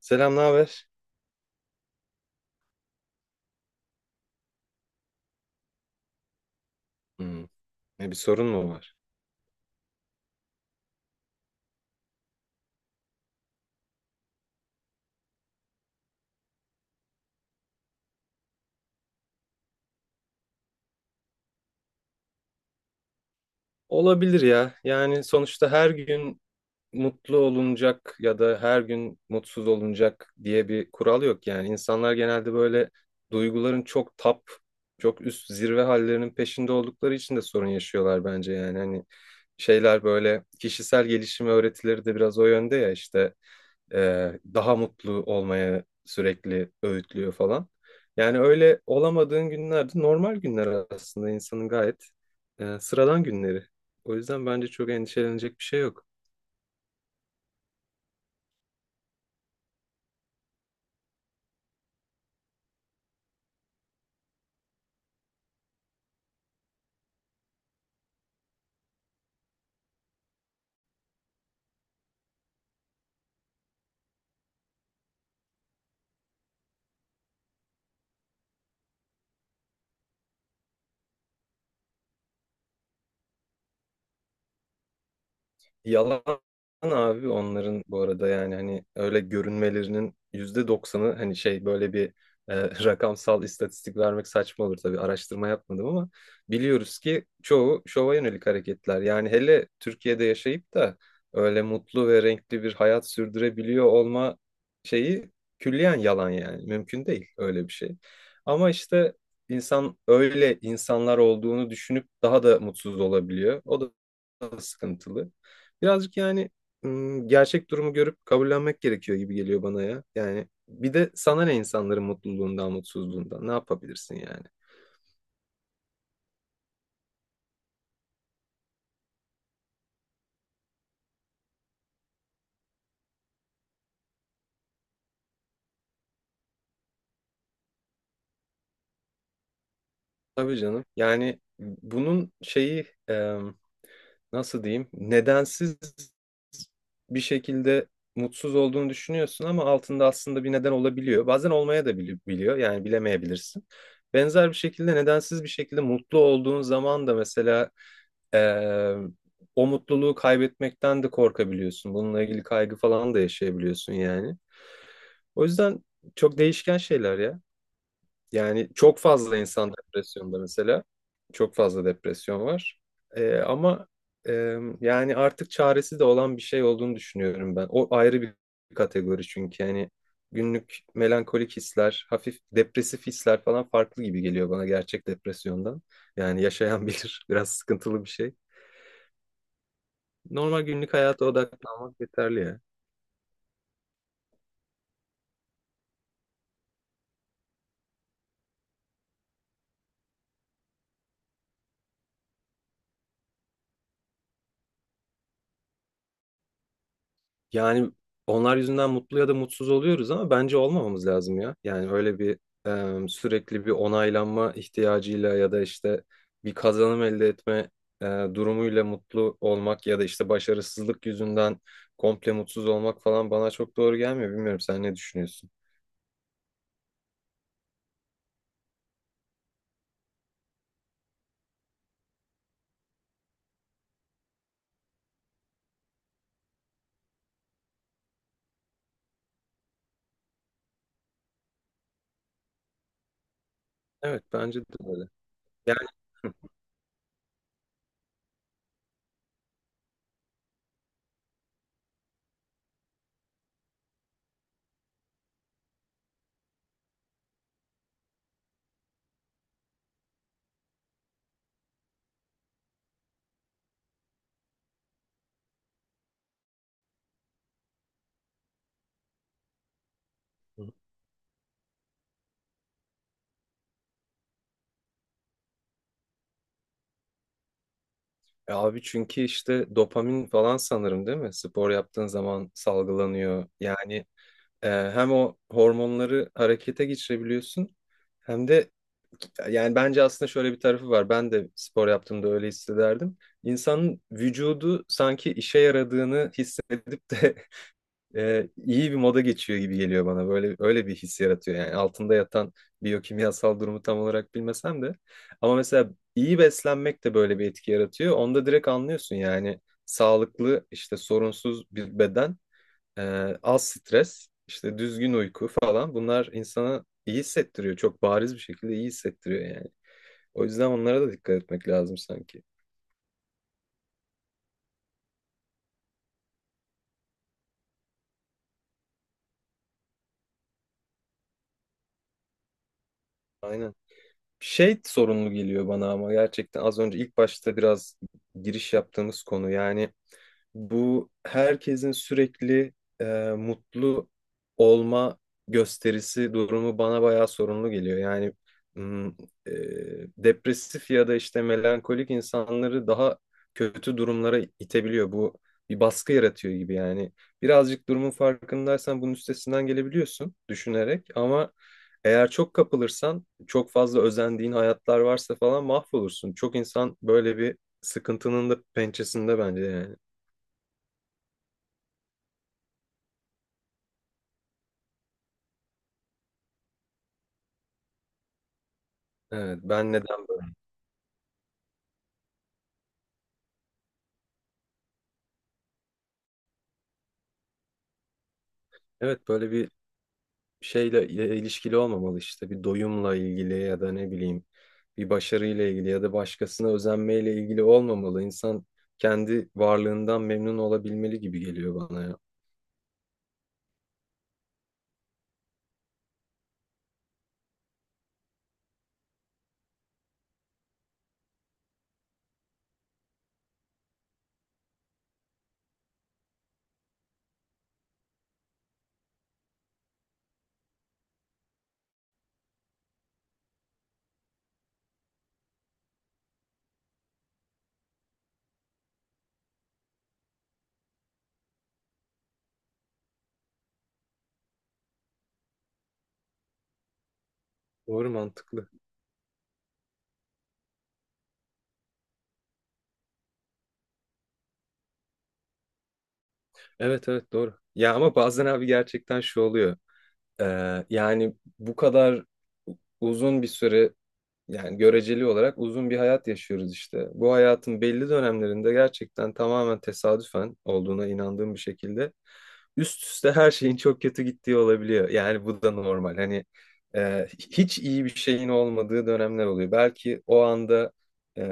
Selam, ne haber? Hmm, Ne bir sorun mu var? Olabilir ya. Yani sonuçta her gün mutlu olunacak ya da her gün mutsuz olunacak diye bir kural yok yani. İnsanlar genelde böyle duyguların çok çok üst zirve hallerinin peşinde oldukları için de sorun yaşıyorlar bence yani. Hani şeyler böyle kişisel gelişim öğretileri de biraz o yönde ya işte, daha mutlu olmaya sürekli öğütlüyor falan. Yani öyle olamadığın günlerde normal günler aslında insanın gayet sıradan günleri. O yüzden bence çok endişelenecek bir şey yok. Yalan abi, onların bu arada yani hani öyle görünmelerinin %90'ı, hani şey, böyle bir e, rakamsal istatistik vermek saçma olur tabii, araştırma yapmadım, ama biliyoruz ki çoğu şova yönelik hareketler. Yani hele Türkiye'de yaşayıp da öyle mutlu ve renkli bir hayat sürdürebiliyor olma şeyi külliyen yalan yani, mümkün değil öyle bir şey. Ama işte insan öyle insanlar olduğunu düşünüp daha da mutsuz olabiliyor. O da sıkıntılı. Birazcık yani, gerçek durumu görüp kabullenmek gerekiyor gibi geliyor bana ya. Yani bir de sana ne insanların mutluluğundan, mutsuzluğundan, ne yapabilirsin yani? Tabii canım. Yani bunun şeyi, nasıl diyeyim, nedensiz bir şekilde mutsuz olduğunu düşünüyorsun ama altında aslında bir neden olabiliyor. Bazen olmaya da biliyor yani, bilemeyebilirsin. Benzer bir şekilde nedensiz bir şekilde mutlu olduğun zaman da mesela eee, o mutluluğu kaybetmekten de korkabiliyorsun. Bununla ilgili kaygı falan da yaşayabiliyorsun yani. O yüzden çok değişken şeyler ya. Yani çok fazla insan depresyonda mesela. Çok fazla depresyon var. Ama e, yani artık çaresi de olan bir şey olduğunu düşünüyorum ben. O ayrı bir kategori çünkü yani, günlük melankolik hisler, hafif depresif hisler falan farklı gibi geliyor bana gerçek depresyondan. Yani yaşayan bilir biraz sıkıntılı bir şey. Normal günlük hayata odaklanmak yeterli ya. Yani onlar yüzünden mutlu ya da mutsuz oluyoruz ama bence olmamamız lazım ya. Yani öyle bir sürekli bir onaylanma ihtiyacıyla ya da işte bir kazanım elde etme e, durumuyla mutlu olmak, ya da işte başarısızlık yüzünden komple mutsuz olmak falan bana çok doğru gelmiyor. Bilmiyorum, sen ne düşünüyorsun? Evet, bence de öyle. Yani abi, çünkü işte dopamin falan sanırım değil mi? Spor yaptığın zaman salgılanıyor. Yani Ee, hem o hormonları harekete geçirebiliyorsun, hem de yani bence aslında şöyle bir tarafı var. Ben de spor yaptığımda öyle hissederdim. İnsanın vücudu sanki işe yaradığını hissedip de iyi bir moda geçiyor gibi geliyor bana. Böyle öyle bir his yaratıyor yani, altında yatan biyokimyasal durumu tam olarak bilmesem de. Ama mesela iyi beslenmek de böyle bir etki yaratıyor. Onda direkt anlıyorsun yani, sağlıklı, işte sorunsuz bir beden, az stres, işte düzgün uyku falan, bunlar insana iyi hissettiriyor. Çok bariz bir şekilde iyi hissettiriyor yani. O yüzden onlara da dikkat etmek lazım sanki. Aynen. Şey sorunlu geliyor bana, ama gerçekten az önce ilk başta biraz giriş yaptığımız konu yani, bu herkesin sürekli e, mutlu olma gösterisi durumu bana bayağı sorunlu geliyor. Yani mm, e, depresif ya da işte melankolik insanları daha kötü durumlara itebiliyor. Bu bir baskı yaratıyor gibi yani. Birazcık durumun farkındaysan bunun üstesinden gelebiliyorsun düşünerek, ama eğer çok kapılırsan, çok fazla özendiğin hayatlar varsa falan, mahvolursun. Çok insan böyle bir sıkıntının da pençesinde bence yani. Evet, ben neden böyle? Evet, böyle bir şeyle ilişkili olmamalı işte. Bir doyumla ilgili ya da ne bileyim, bir başarıyla ilgili ya da başkasına özenmeyle ilgili olmamalı. İnsan kendi varlığından memnun olabilmeli gibi geliyor bana ya. Doğru, mantıklı. Evet, evet, doğru. Ya ama bazen abi gerçekten şu oluyor. Yani bu kadar uzun bir süre, yani göreceli olarak uzun bir hayat yaşıyoruz işte. Bu hayatın belli dönemlerinde gerçekten tamamen tesadüfen olduğuna inandığım bir şekilde üst üste her şeyin çok kötü gittiği olabiliyor. Yani bu da normal. Hani hiç iyi bir şeyin olmadığı dönemler oluyor. Belki o anda e,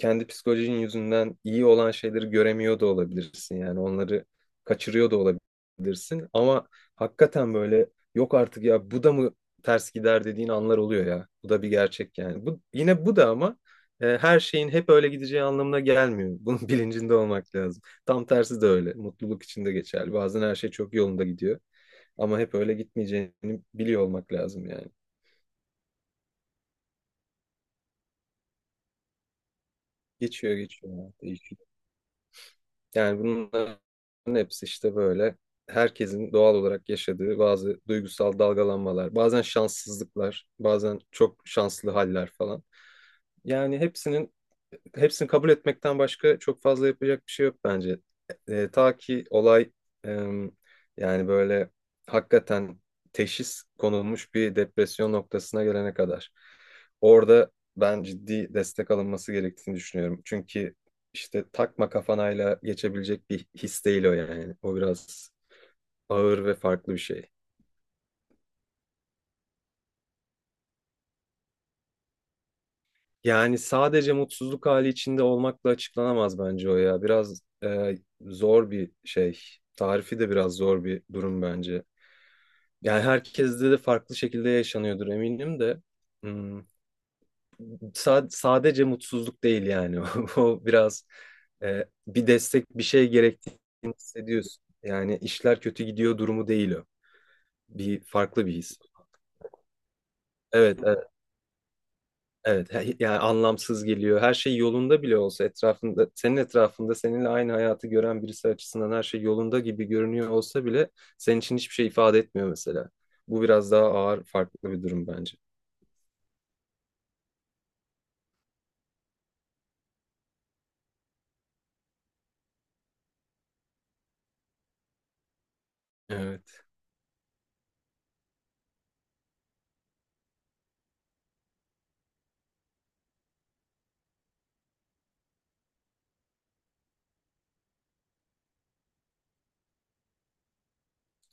kendi psikolojinin yüzünden iyi olan şeyleri göremiyor da olabilirsin. Yani onları kaçırıyor da olabilirsin. Ama hakikaten böyle, yok artık ya, bu da mı ters gider dediğin anlar oluyor ya. Bu da bir gerçek yani. Bu yine, bu da ama her şeyin hep öyle gideceği anlamına gelmiyor. Bunun bilincinde olmak lazım. Tam tersi de öyle. Mutluluk için de geçerli. Bazen her şey çok yolunda gidiyor ama hep öyle gitmeyeceğini biliyor olmak lazım yani. Geçiyor, geçiyor ya, değişiyor. Yani bunların hepsi işte böyle herkesin doğal olarak yaşadığı bazı duygusal dalgalanmalar, bazen şanssızlıklar, bazen çok şanslı haller falan. Yani hepsini kabul etmekten başka çok fazla yapacak bir şey yok bence. Ta ki olay, e, yani böyle hakikaten teşhis konulmuş bir depresyon noktasına gelene kadar. Orada ben ciddi destek alınması gerektiğini düşünüyorum. Çünkü işte takma kafanayla geçebilecek bir his değil o yani. O biraz ağır ve farklı bir şey. Yani sadece mutsuzluk hali içinde olmakla açıklanamaz bence o ya. Biraz zor bir şey. Tarifi de biraz zor bir durum bence. Yani herkeste de farklı şekilde yaşanıyordur eminim de. Hmm, sadece mutsuzluk değil yani. O biraz bir destek, bir şey gerektiğini hissediyorsun. Yani işler kötü gidiyor durumu değil o. Bir farklı bir his. Evet, evet. Evet, yani anlamsız geliyor. Her şey yolunda bile olsa etrafında, senin etrafında seninle aynı hayatı gören birisi açısından her şey yolunda gibi görünüyor olsa bile senin için hiçbir şey ifade etmiyor mesela. Bu biraz daha ağır, farklı bir durum bence. Evet,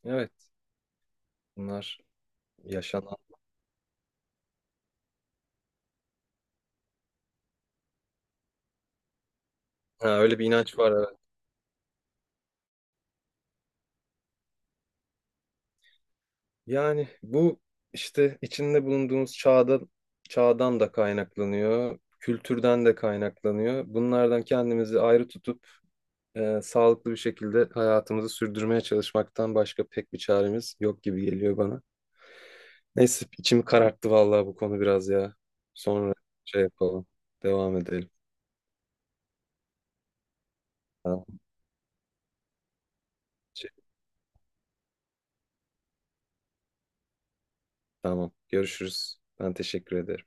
evet. Bunlar yaşanan. Ha, öyle bir inanç var, evet. Yani bu işte içinde bulunduğumuz çağdan da kaynaklanıyor, kültürden de kaynaklanıyor. Bunlardan kendimizi ayrı tutup sağlıklı bir şekilde hayatımızı sürdürmeye çalışmaktan başka pek bir çaremiz yok gibi geliyor bana. Neyse, içimi kararttı vallahi bu konu biraz ya. Sonra şey yapalım. Devam edelim. Tamam. Şey- tamam. Görüşürüz. Ben teşekkür ederim.